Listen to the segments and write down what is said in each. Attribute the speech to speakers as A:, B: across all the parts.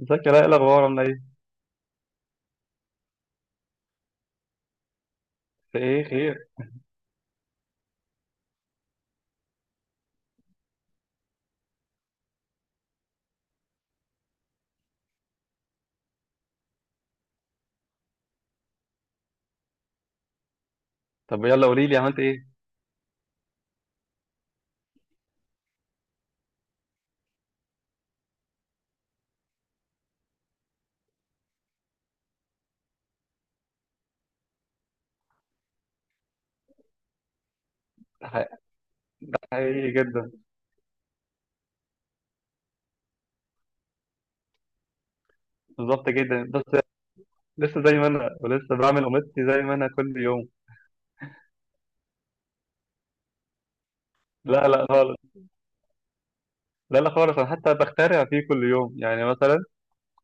A: ازيك يا لاء؟ إيه الاخبار؟ عامله ايه؟ في ايه خير؟ طب يلا قولي لي عملت ايه. ح- حقيقي جدا. بالظبط جدا، بس لسه زي ما انا، ولسه بعمل قماشتي زي ما انا كل يوم. لا لا خالص. لا لا خالص، انا حتى بخترع فيه كل يوم، يعني مثلا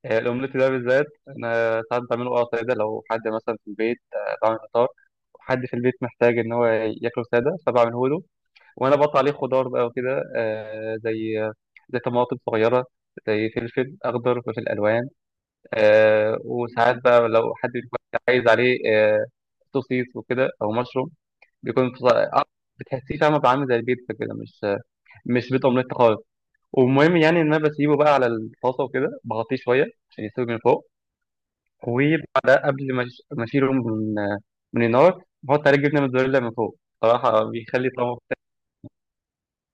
A: الاومليت ده بالذات انا ساعات بعمله اه ساده، لو حد مثلا في البيت، بعمل فطار وحد في البيت محتاج ان هو ياكله ساده فبعمله له. وانا بقطع عليه خضار بقى وكده، زي زي طماطم صغيره، زي فلفل اخضر، فلفل الوان. آه، وساعات بقى لو حد بيكون عايز عليه آه، سوسيس وكده او مشروم، بيكون بتحسيه فاهمه بقى عامل زي البيتزا كده، مش مش بيض اومليت خالص. والمهم يعني ان انا بسيبه بقى على الطاسه وكده، بغطيه شويه عشان يستوي من فوق، وبعدها قبل ما اشيله من من النار، بحط عليه جبنه موتزاريلا من فوق. صراحه بيخلي طعمه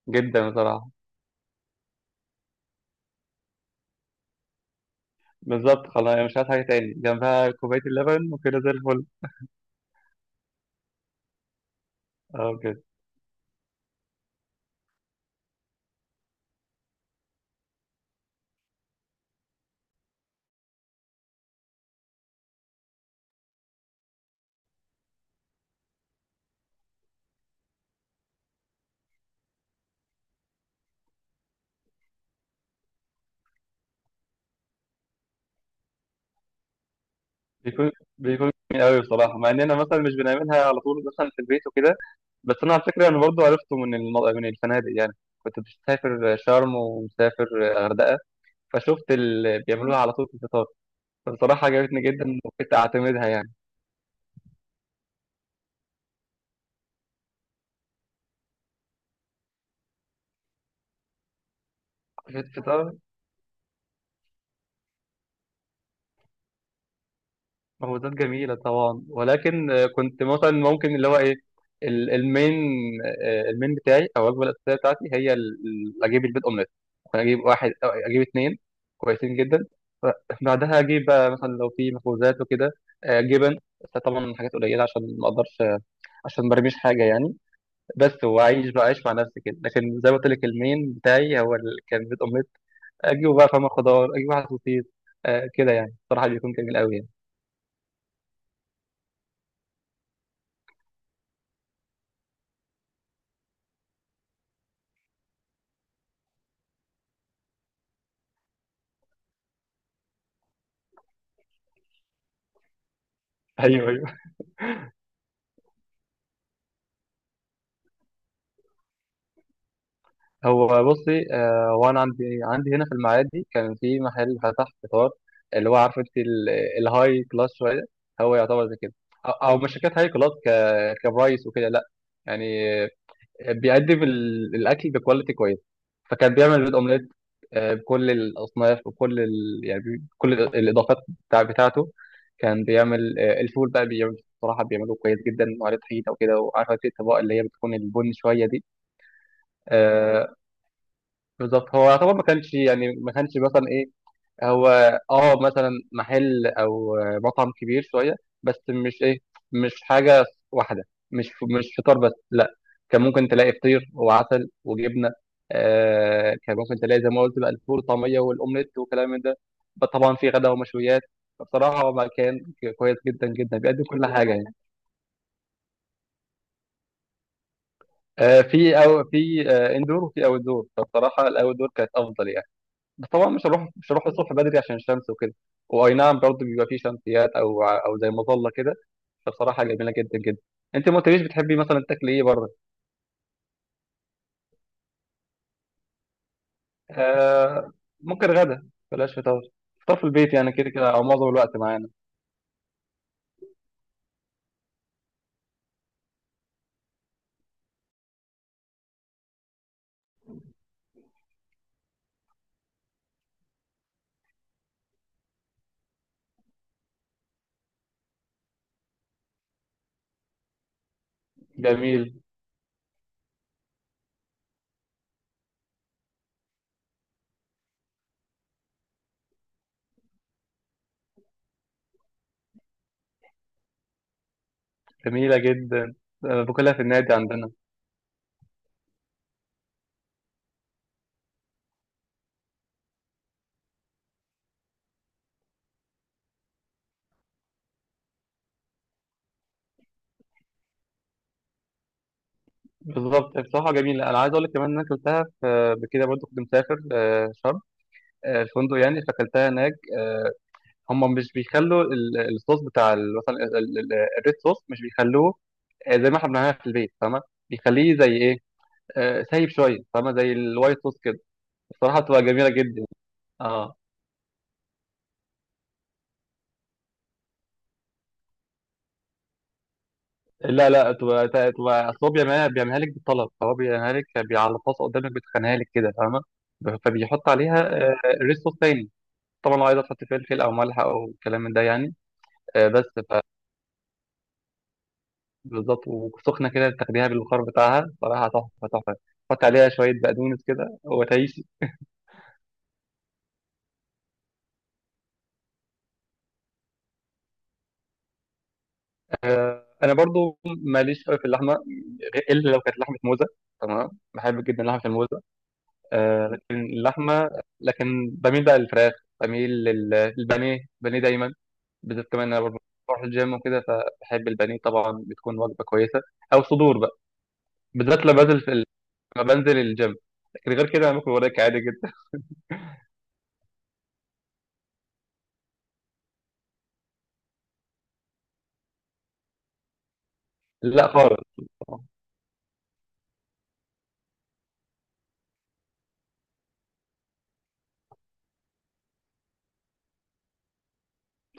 A: جدا بصراحه. بالظبط، خلاص أنا مش عايز حاجه تاني جنبها، كوبايه اللبن وكده زي الفل. اه بجد. بيكون بيكون جميل قوي بصراحه، مع اننا مثلا مش بنعملها على طول مثلا في البيت وكده. بس انا على فكره انا برضو عرفته من من الفنادق يعني. كنت مسافر شرم ومسافر غردقه، فشفت اللي بيعملوها على طول في الفطار. فبصراحه عجبتني جدا وكنت اعتمدها يعني في الفطار. مهودات جميلة طبعا، ولكن كنت مثلا ممكن اللي هو ايه، المين، المين بتاعي او الوجبة الأساسية بتاعتي هي اجيب البيض اومليت، ممكن اجيب واحد أو اجيب اتنين كويسين جدا. ف- بعدها اجيب بقى مثلا لو في مخبوزات وكده جبن، بس طبعا حاجات قليلة عشان ما اقدرش عشان ما برميش حاجة يعني. بس واعيش بقى عيش مع نفسي كده. لكن زي ما قلت لك المين بتاعي هو كان بيض اومليت، اجيبه بقى فاهمة خضار، اجيب واحد سوسيس، كده يعني صراحة بيكون جميل قوي يعني. ايوه ايوه. هو بصي وانا عندي هنا في المعادي كان في محل فتح فطار، اللي هو عارف انت الهاي كلاس شويه، هو يعتبر زي كده، او مش شركات هاي كلاس، كبرايس وكده لا، يعني آه، بيقدم الاكل بكواليتي كويس. فكان بيعمل بيض اومليت بكل الاصناف وكل يعني كل الاضافات بتاعته. كان بيعمل الفول بقى، بيعمل بصراحه، بيعمله كويس جدا، وعليه طحينه وكده، وعارفه انت الطبقه اللي هي بتكون البن شويه دي. آه، بالظبط. هو يعتبر ما كانش، يعني ما كانش مثلا ايه، هو اه مثلا محل او مطعم كبير شويه، بس مش ايه، مش حاجه واحده، مش مش فطار بس لا، كان ممكن تلاقي فطير وعسل وجبنه، آه كان ممكن تلاقي زي ما قلت بقى الفول والطعميه والاومليت وكلام من ده، بس طبعا في غدا ومشويات. فبصراحه هو مكان كويس جدا جدا، بيقدم كل حاجه يعني. آه، في أو في آه اندور وفي اوت دور، فبصراحه الاوت دور كانت افضل يعني. بس طبعا مش هروح الصبح بدري عشان الشمس وكده، واي نعم برضه بيبقى فيه شمسيات او او زي مظله كده. فبصراحه جميله جدا جدا. انت ما قلتليش بتحبي مثلا تاكلي ايه بره؟ آه، ممكن غدا بلاش فطار، فطار في البيت يعني كده كده او معظم الوقت معانا. جميل. جميله جدا. باكلها في النادي عندنا. بالظبط بصراحه جميله. انا عايز اقول لك كمان ان انا اكلتها في بكده برضه، كنت مسافر شرم، الفندق يعني، فاكلتها هناك. هم مش بيخلوا الصوص بتاع ال- مثلا ال- ال- ال- الريد صوص، مش بيخلوه زي ما احنا بنعملها في البيت فاهمه، بيخليه زي ايه، سايب شويه فاهمه، زي الوايت صوص كده. الصراحه بتبقى جميله جدا. اه. لا لا، بتبقى اصل هو بيعملها، لك بالطلب، هو بيعملها لك على الطاسه قدامك، بتخنها لك كده فاهمه، فبيحط عليها آه، ريد صوص تاني، طبعا لو عايزه تحط فلفل او ملح او كلام من ده يعني. بس بالظبط، وسخنة كده تاخديها بالبخار بتاعها صراحة تحفة تحفة، حط عليها شوية بقدونس كده وتعيش. أنا برضو ماليش قوي في اللحمة، إلا لو كانت لحمة موزة. تمام. بحب جدا لحمة الموزة. آه لكن اللحمة، لكن بميل بقى للفراخ. بميل للبانيه، البانيه دايما، بالذات كمان أنا برضو بروح الجيم وكده، فبحب البانيه طبعا بتكون وجبة كويسة. أو صدور بقى، بالذات لما بنزل في لما بنزل الجيم. لكن غير كده أنا باكل وراك عادي جدا. لا خالص.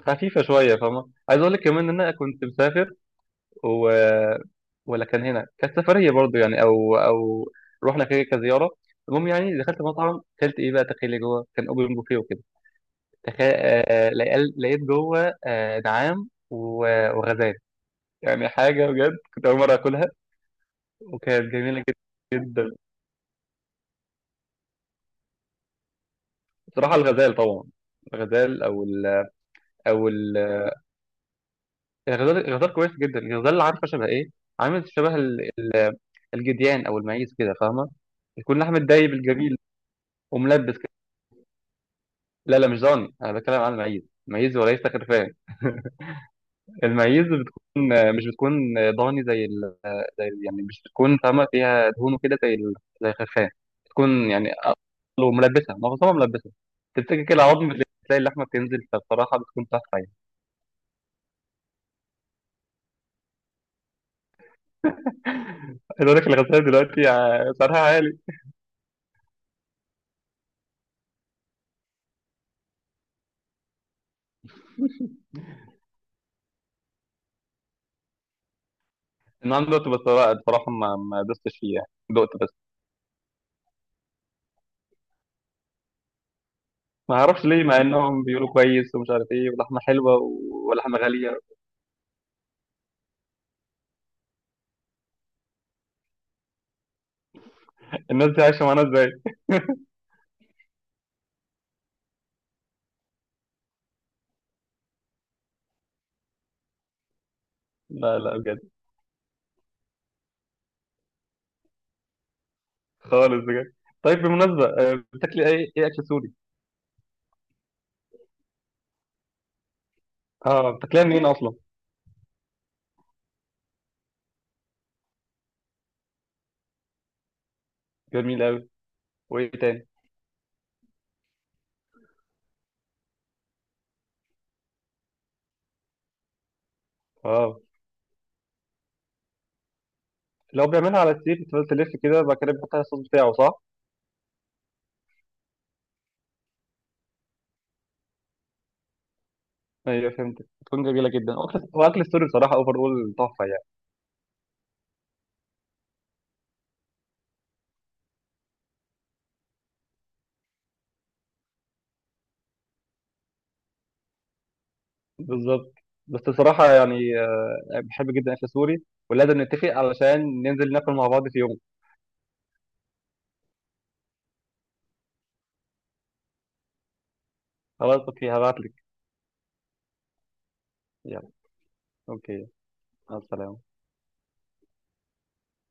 A: خفيفه شويه فاهمه. عايز اقول لك كمان ان انا كنت مسافر و... ولا كان هنا، كانت سفريه برضو يعني، او رحنا كده كزياره. المهم يعني دخلت مطعم، اكلت ايه بقى تخيلي، جوه كان اوبن بوفيه وكده. تخيل آه، لقيت جوه آه، نعام وغزال. يعني حاجه بجد كنت اول مره اكلها. وكانت جميله جدا جدا. بصراحه الغزال طبعا، الغزال او ال... او ال... الغزال الغزال كويس جدا. الغزال عارفه شبه ايه؟ عامل شبه الجديان او المعيز كده فاهمه، يكون لحم الدايب الجميل وملبس كده. لا لا مش ضاني، انا بتكلم عن المعيز. المعيز وليس خرفان. المعيز مش بتكون ضاني زي يعني مش بتكون فاهمه فيها دهون كده زي زي الخرفان. بتكون يعني اقله ملبسه، معظمها ملبسه، تمسكي كده عظم بتلاقي اللحمه بتنزل. فبصراحه بتكون تحفه يعني. عايز اقول لك الغزال دلوقتي سعرها عالي. النهارده دوت بصراحة، بصراحة ما دوستش فيه يعني، دقت بس. ما اعرفش ليه، مع انهم بيقولوا كويس ومش عارف ايه، ولحمة حلوة ولحمة غالية. الناس دي عايشة معانا ازاي؟ لا لا بجد، خالص بجد. طيب بالمناسبة بتاكلي ايه، ايه اكل سوري؟ اه، بتاكليها منين اصلا؟ جميل قوي. وايه تاني؟ اه. لو بيعملها على السيخ بتفضل تلف كده، بعد كده بتحط عليها الصوص بتاعه، صح؟ ايوه فهمت، بتكون جميلة جدا. واكل السوري بصراحة اوفر اول تحفة يعني. بالظبط. بس بصراحة يعني بحب جدا اكل سوري، ولازم نتفق علشان ننزل ناكل مع بعض في يوم. خلاص اوكي، هبعت لك. يلا. اوكي. مع السلامه.